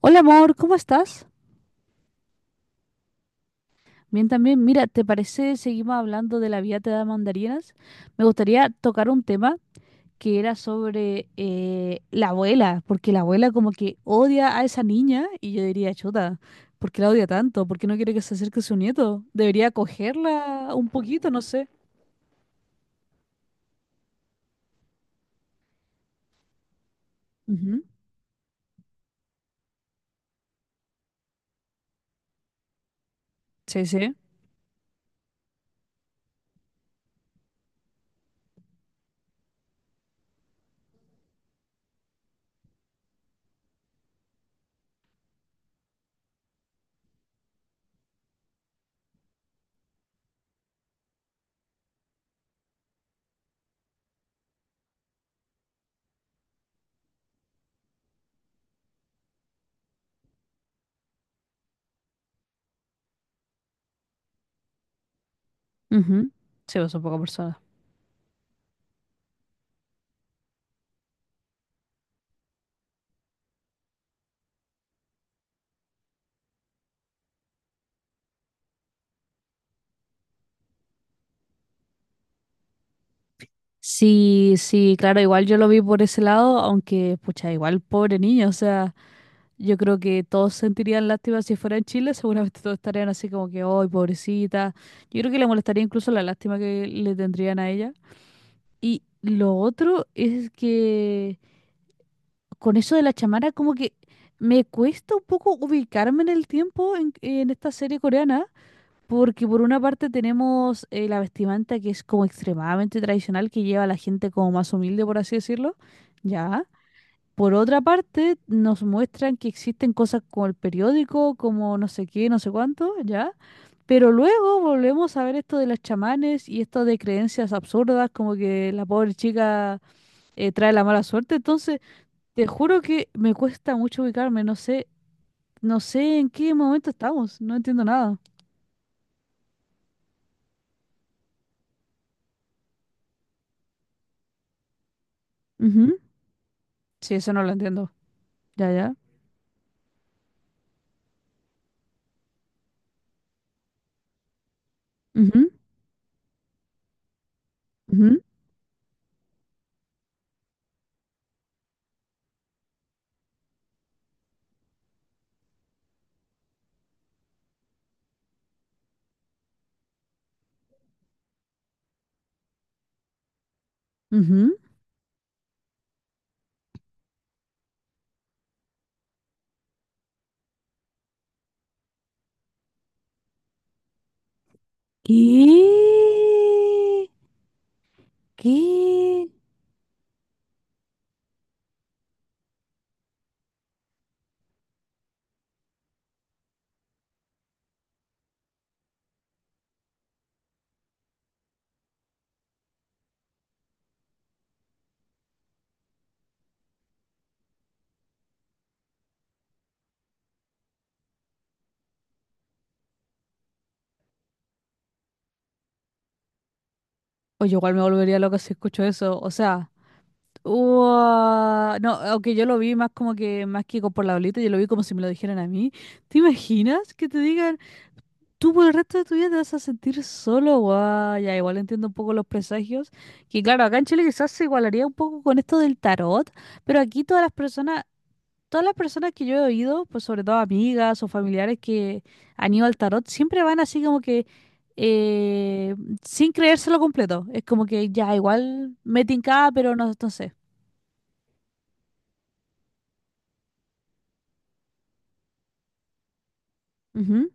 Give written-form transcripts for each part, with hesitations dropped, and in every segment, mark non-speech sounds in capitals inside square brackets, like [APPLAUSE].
Hola amor, ¿cómo estás? Bien también. Mira, ¿te parece seguimos hablando de la vida te da mandarinas? Me gustaría tocar un tema que era sobre la abuela, porque la abuela como que odia a esa niña y yo diría, chuta, ¿por qué la odia tanto? ¿Por qué no quiere que se acerque a su nieto? Debería acogerla un poquito, no sé. Ujú. Sí, sí. Ujú. Sí, pues son pocas personas. Sí, sí, claro, igual yo lo vi por ese lado, aunque, pucha, igual pobre niño, o sea... Yo creo que todos sentirían lástima si fuera en Chile, seguramente todos estarían así como que, ¡ay, pobrecita! Yo creo que le molestaría incluso la lástima que le tendrían a ella. Y lo otro es que con eso de la chamara, como que me cuesta un poco ubicarme en el tiempo en esta serie coreana, porque por una parte tenemos la vestimenta que es como extremadamente tradicional, que lleva a la gente como más humilde, por así decirlo, ¿ya? Por otra parte, nos muestran que existen cosas como el periódico, como no sé qué, no sé cuánto, ¿ya? Pero luego volvemos a ver esto de los chamanes y esto de creencias absurdas, como que la pobre chica trae la mala suerte. Entonces, te juro que me cuesta mucho ubicarme, no sé, no sé en qué momento estamos, no entiendo nada. Ujú. Sí, eso no lo entiendo. Ya, ya. Ujú, ujú, ujú. ¿Qué? ¿Qué? Oye, igual me volvería loca si escucho eso. O sea, no, aunque yo lo vi más como que, más que por la bolita, yo lo vi como si me lo dijeran a mí. ¿Te imaginas que te digan, tú por el resto de tu vida te vas a sentir solo? Guau, ya, igual entiendo un poco los presagios. Que claro, acá en Chile quizás se igualaría un poco con esto del tarot, pero aquí todas las personas que yo he oído, pues sobre todo amigas o familiares que han ido al tarot, siempre van así como que eh, sin creérselo completo. Es como que ya igual me tincaba, pero no, no sé. Ujú.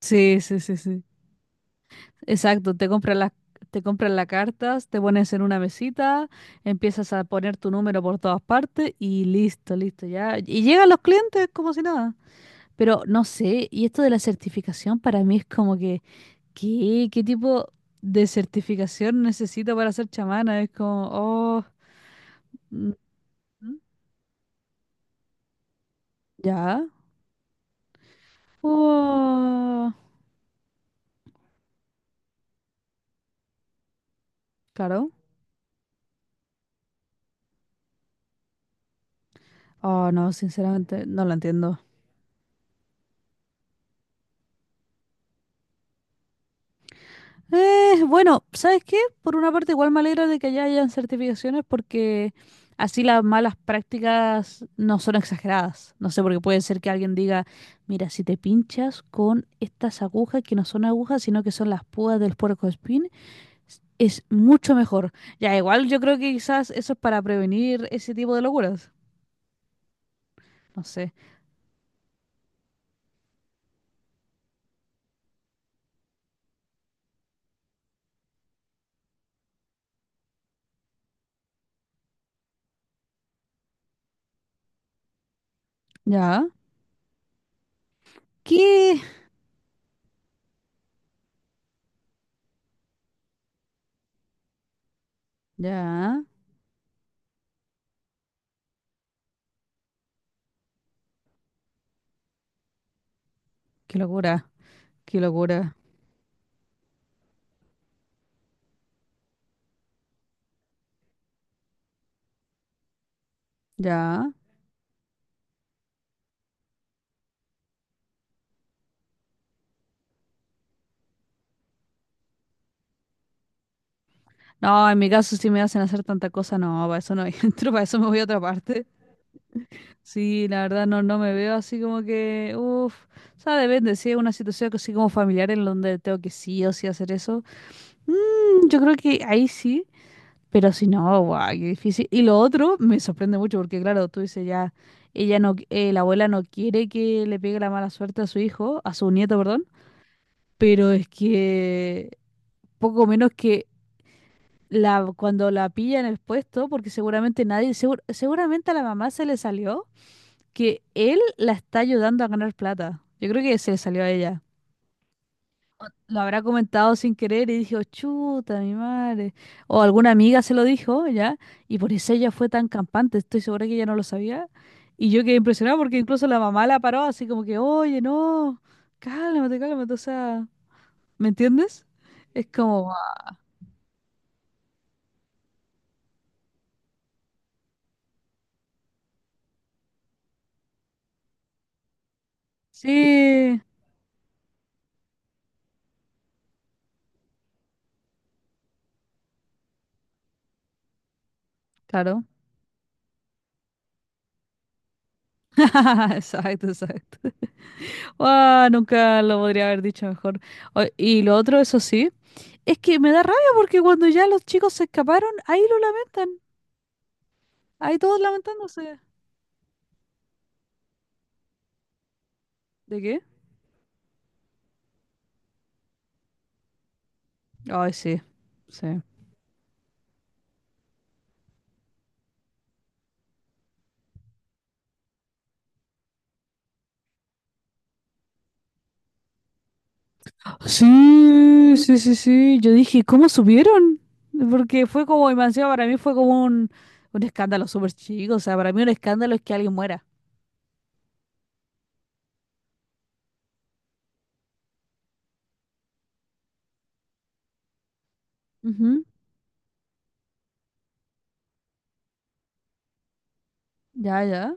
Sí, sí, sí, sí. Exacto, te compran las cartas, te pones en una mesita, empiezas a poner tu número por todas partes y listo, listo, ya. Y llegan los clientes como si nada. Pero no sé, y esto de la certificación para mí es como que ¿qué? ¿Qué tipo de certificación necesito para ser chamana? Es como, oh, mm, ya. Oh, claro. Oh, no, sinceramente no lo entiendo. Bueno, ¿sabes qué? Por una parte, igual me alegra de que ya hayan certificaciones porque así las malas prácticas no son exageradas. No sé, porque puede ser que alguien diga, mira, si te pinchas con estas agujas que no son agujas, sino que son las púas del puercoespín, es mucho mejor. Ya, igual yo creo que quizás eso es para prevenir ese tipo de locuras. No sé. Ya. ¿Qué? Ya. Qué locura. Qué locura. Ya. No, en mi caso si me hacen hacer tanta cosa, no, para eso no [LAUGHS] entro, para eso me voy a otra parte. Sí, la verdad no, no me veo así como que, uff, o sea, depende, si es una situación así como familiar en donde tengo que sí o sí hacer eso, mm, yo creo que ahí sí. Pero si no, guau, qué difícil. Y lo otro me sorprende mucho porque, claro, tú dices ya, ella no, la abuela no quiere que le pegue la mala suerte a su hijo, a su nieto, perdón, pero es que poco menos que la, cuando la pilla en el puesto, porque seguramente nadie, seguramente a la mamá se le salió que él la está ayudando a ganar plata. Yo creo que se le salió a ella, lo habrá comentado sin querer y dijo, chuta, mi madre. O alguna amiga se lo dijo, ¿ya? Y por eso ella fue tan campante, estoy segura que ella no lo sabía. Y yo quedé impresionada porque incluso la mamá la paró así como que, oye, no, cálmate, cálmate, o sea, ¿me entiendes? Es como, "Guau, sí, claro". [LAUGHS] Exacto, exacto. Ah, nunca lo podría haber dicho mejor. Y lo otro, eso sí, es que me da rabia porque cuando ya los chicos se escaparon, ahí lo lamentan, ahí todos lamentándose. ¿De qué? Ay, sí, sí. Sí, sí, sí, sí. Yo dije, ¿cómo subieron? Porque fue como, y más encima para mí fue como un escándalo súper chico. O sea, para mí un escándalo es que alguien muera. Ujú. Ya, ya.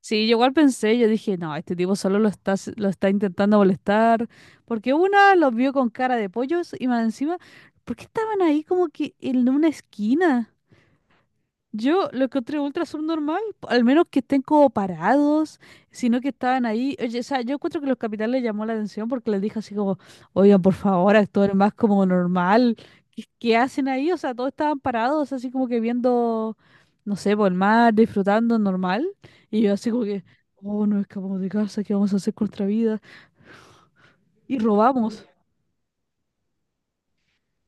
Sí, yo igual pensé, yo dije, no, este tipo solo lo está, lo está intentando molestar. Porque una los vio con cara de pollos y más encima, ¿por qué estaban ahí como que en una esquina? Yo lo encontré ultra subnormal, al menos que estén como parados, sino que estaban ahí. Oye, o sea, yo encuentro que los capitales les llamó la atención porque les dije así como, oigan, por favor, actúen más como normal. ¿Qué, qué hacen ahí? O sea, todos estaban parados, así como que viendo, no sé, por el mar, disfrutando normal. Y yo así como que, oh, no escapamos de casa, ¿qué vamos a hacer con nuestra vida? Y robamos.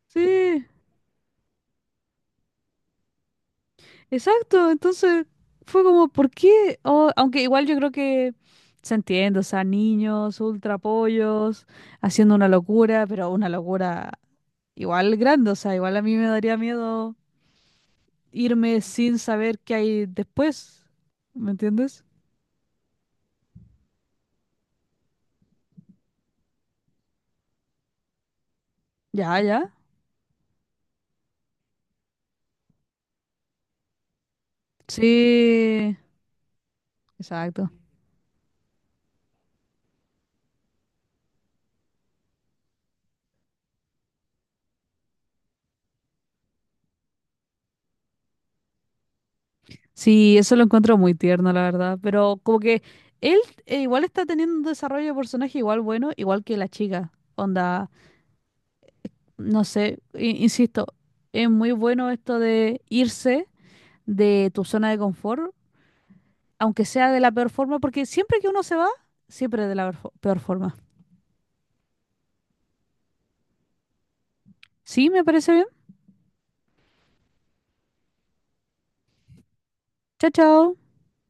Sí. Exacto, entonces fue como, ¿por qué? Oh, aunque igual yo creo que se entiende, o sea, niños, ultra pollos, haciendo una locura, pero una locura igual grande, o sea, igual a mí me daría miedo irme sin saber qué hay después, ¿me entiendes? Ya, ya. Sí, exacto. Sí, eso lo encuentro muy tierno, la verdad, pero como que él igual está teniendo un desarrollo de personaje igual bueno, igual que la chica, onda. No sé, insisto, es muy bueno esto de irse de tu zona de confort, aunque sea de la peor forma, porque siempre que uno se va, siempre es de la peor forma. Sí, me parece bien. Chao, chao.